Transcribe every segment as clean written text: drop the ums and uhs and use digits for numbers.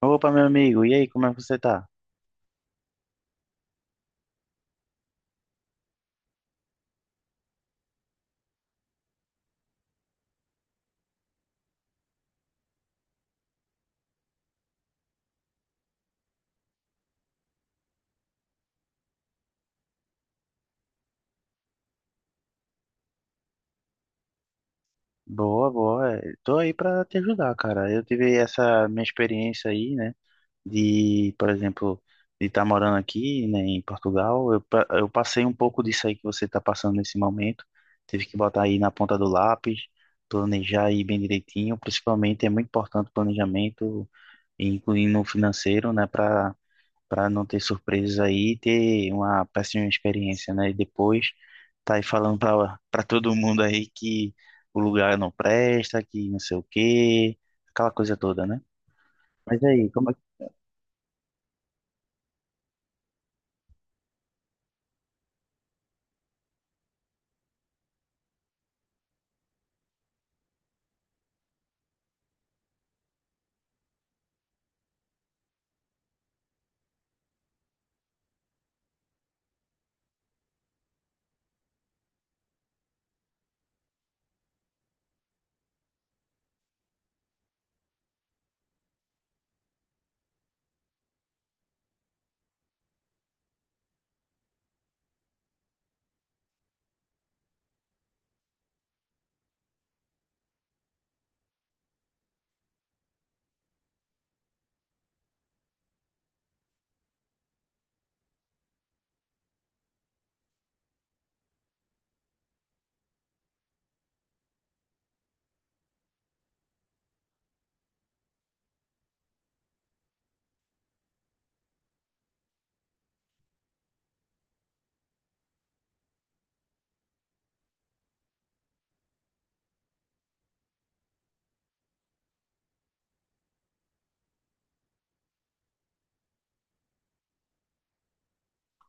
Opa, meu amigo, e aí, como é que você tá? Boa, boa. Tô aí pra te ajudar, cara. Eu tive essa minha experiência aí, né? De, por exemplo, de estar morando aqui, né, em Portugal. Eu, eu passei um pouco disso aí que você tá passando nesse momento. Tive que botar aí na ponta do lápis, planejar aí bem direitinho. Principalmente é muito importante o planejamento, incluindo o financeiro, né? Pra Para não ter surpresas aí e ter uma péssima experiência, né? E depois tá aí falando para todo mundo aí que o lugar não presta, que não sei o quê, aquela coisa toda, né? Mas aí, como é.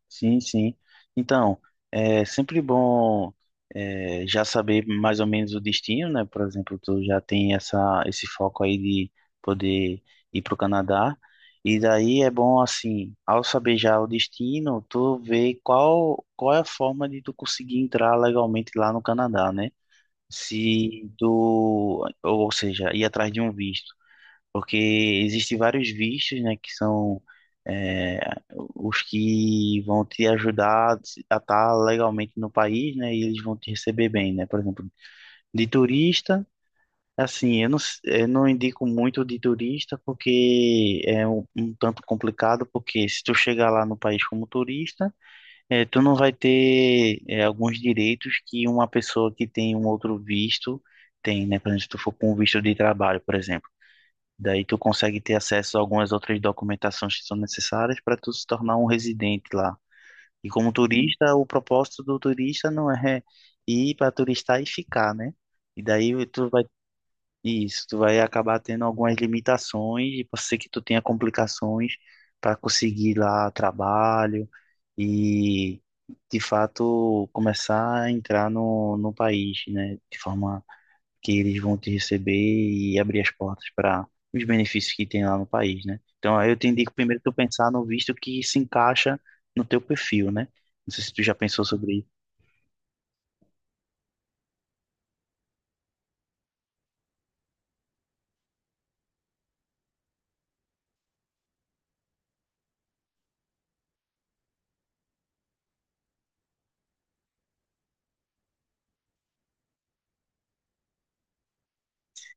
Sim, sim. Então, é sempre bom é, já saber mais ou menos o destino, né? Por exemplo, tu já tem esse foco aí de poder ir para o Canadá. E daí é bom, assim, ao saber já o destino, tu vê qual é a forma de tu conseguir entrar legalmente lá no Canadá, né? Se tu, ou seja, ir atrás de um visto, porque existem vários vistos, né, que são é, os que vão te ajudar a estar legalmente no país, né, e eles vão te receber bem, né, por exemplo, de turista, assim, eu não indico muito de turista, porque é um tanto complicado, porque se tu chegar lá no país como turista, é, tu não vai ter é, alguns direitos que uma pessoa que tem um outro visto tem, né, por exemplo, se tu for com um visto de trabalho, por exemplo. Daí tu consegue ter acesso a algumas outras documentações que são necessárias para tu se tornar um residente lá. E como turista, o propósito do turista não é ir para turistar e ficar, né? E daí tu vai. Isso, tu vai acabar tendo algumas limitações e pode ser que tu tenha complicações para conseguir lá trabalho e de fato começar a entrar no país, né? De forma que eles vão te receber e abrir as portas para os benefícios que tem lá no país, né? Então, aí eu te indico primeiro tu pensar no visto que se encaixa no teu perfil, né? Não sei se tu já pensou sobre isso.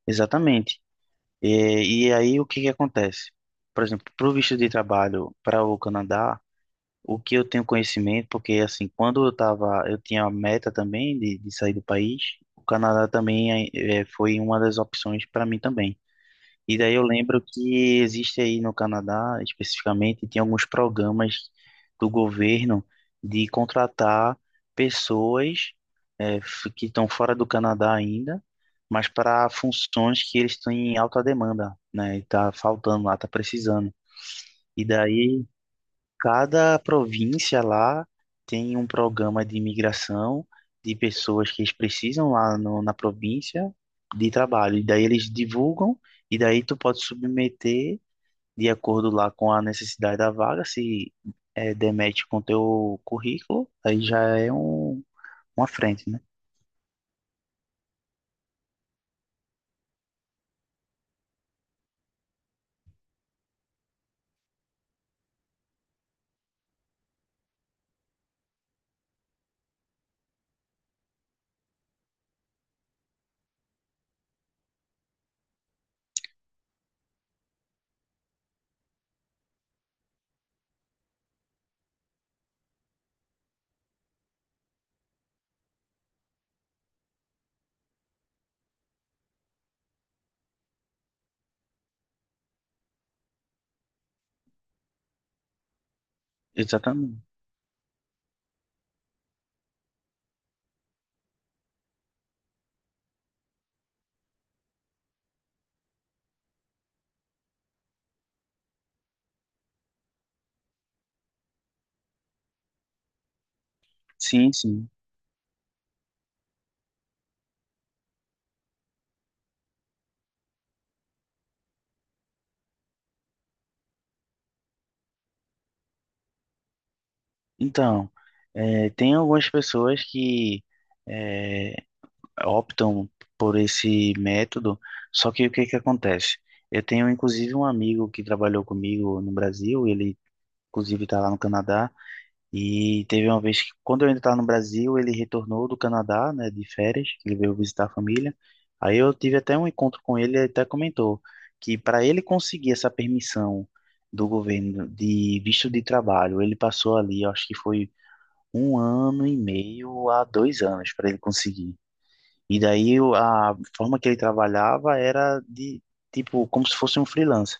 Exatamente. E aí, o que que acontece? Por exemplo, para o visto de trabalho para o Canadá, o que eu tenho conhecimento, porque assim, quando eu tava, eu tinha a meta também de sair do país, o Canadá também foi uma das opções para mim também. E daí eu lembro que existe aí no Canadá, especificamente, tem alguns programas do governo de contratar pessoas que estão fora do Canadá ainda, mas para funções que eles têm em alta demanda, né? E tá faltando lá, tá precisando. E daí. Cada província lá tem um programa de imigração de pessoas que eles precisam lá no- na província de trabalho. E daí eles divulgam, e daí tu pode submeter de acordo lá com a necessidade da vaga, se é, demete com teu currículo, aí uma frente, né? Exatamente. Sim, sim. Então, é, tem algumas pessoas que é, optam por esse método, só que o que que acontece? Eu tenho inclusive um amigo que trabalhou comigo no Brasil, ele inclusive está lá no Canadá, e teve uma vez que, quando eu ainda estava no Brasil, ele retornou do Canadá, né, de férias, que ele veio visitar a família. Aí eu tive até um encontro com ele, ele até comentou que para ele conseguir essa permissão do governo de visto de trabalho, ele passou ali, eu acho que foi um ano e meio a dois anos para ele conseguir. E daí a forma que ele trabalhava era de, tipo, como se fosse um freelancer,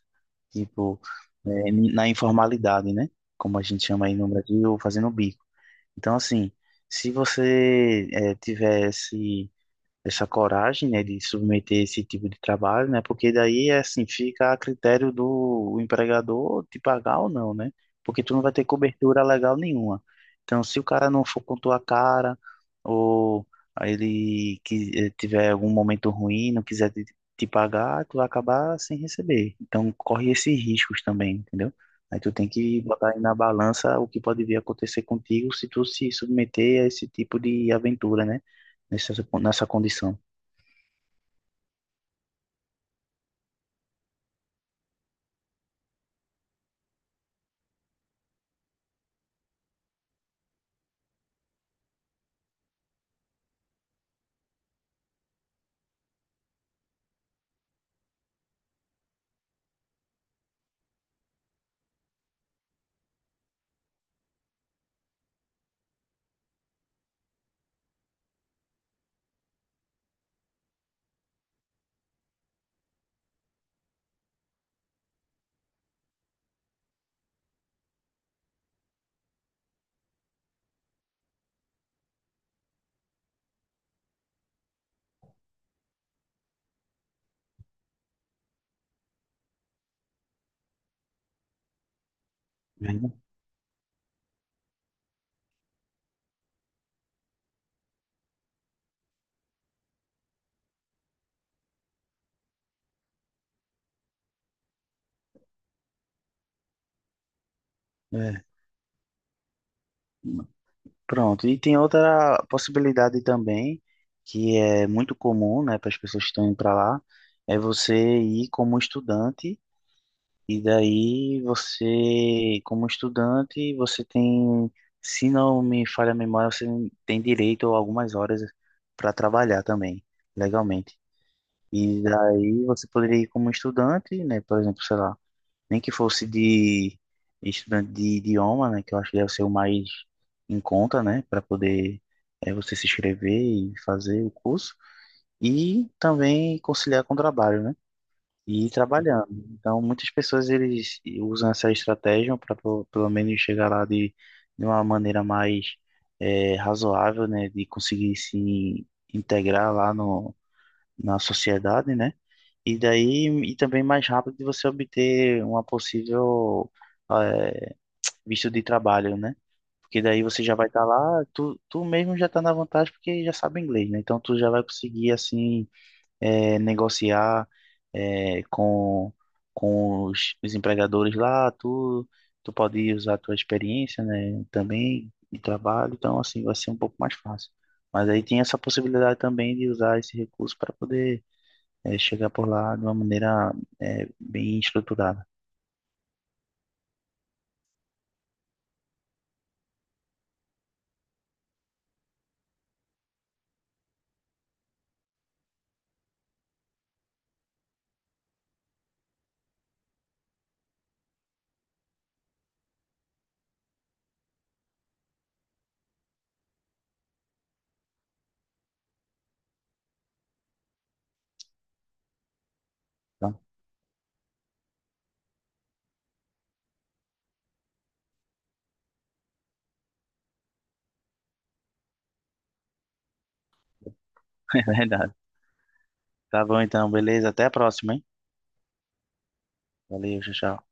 tipo, é, na informalidade, né? Como a gente chama aí no Brasil, fazendo bico. Então, assim, se você é, tivesse essa coragem, né, de submeter esse tipo de trabalho, né, porque daí, assim, fica a critério do empregador te pagar ou não, né, porque tu não vai ter cobertura legal nenhuma. Então, se o cara não for com tua cara, ou ele que tiver algum momento ruim, não quiser te pagar, tu vai acabar sem receber. Então, corre esses riscos também, entendeu? Aí tu tem que botar aí na balança o que pode vir a acontecer contigo se tu se submeter a esse tipo de aventura, né? Nessa, nessa condição. Né? É. Pronto. E tem outra possibilidade também, que é muito comum, né, para as pessoas que estão indo para lá, é você ir como estudante, e daí você, como estudante, você tem, se não me falha a memória, você tem direito a algumas horas para trabalhar também, legalmente. E daí você poderia ir como estudante, né, por exemplo, sei lá, nem que fosse de estudante de idioma, né, que eu acho que deve ser o mais em conta, né, para poder é, você se inscrever e fazer o curso, e também conciliar com o trabalho, né, e ir trabalhando. Então, muitas pessoas eles usam essa estratégia para pelo menos chegar lá de uma maneira mais é, razoável, né, de conseguir se integrar lá no na sociedade, né? E daí, e também mais rápido de você obter uma possível eh, visto de trabalho, né? Porque daí você já vai estar lá, tu mesmo já está na vantagem porque já sabe inglês, né? Então tu já vai conseguir, assim, eh, negociar eh, com, com os empregadores lá, tu, tu pode usar a tua experiência, né? Também de trabalho, então assim, vai ser um pouco mais fácil. Mas aí tem essa possibilidade também de usar esse recurso para poder é, chegar por lá de uma maneira é, bem estruturada. Então, é verdade. Tá bom então, beleza? Até a próxima, hein? Valeu, tchau, tchau.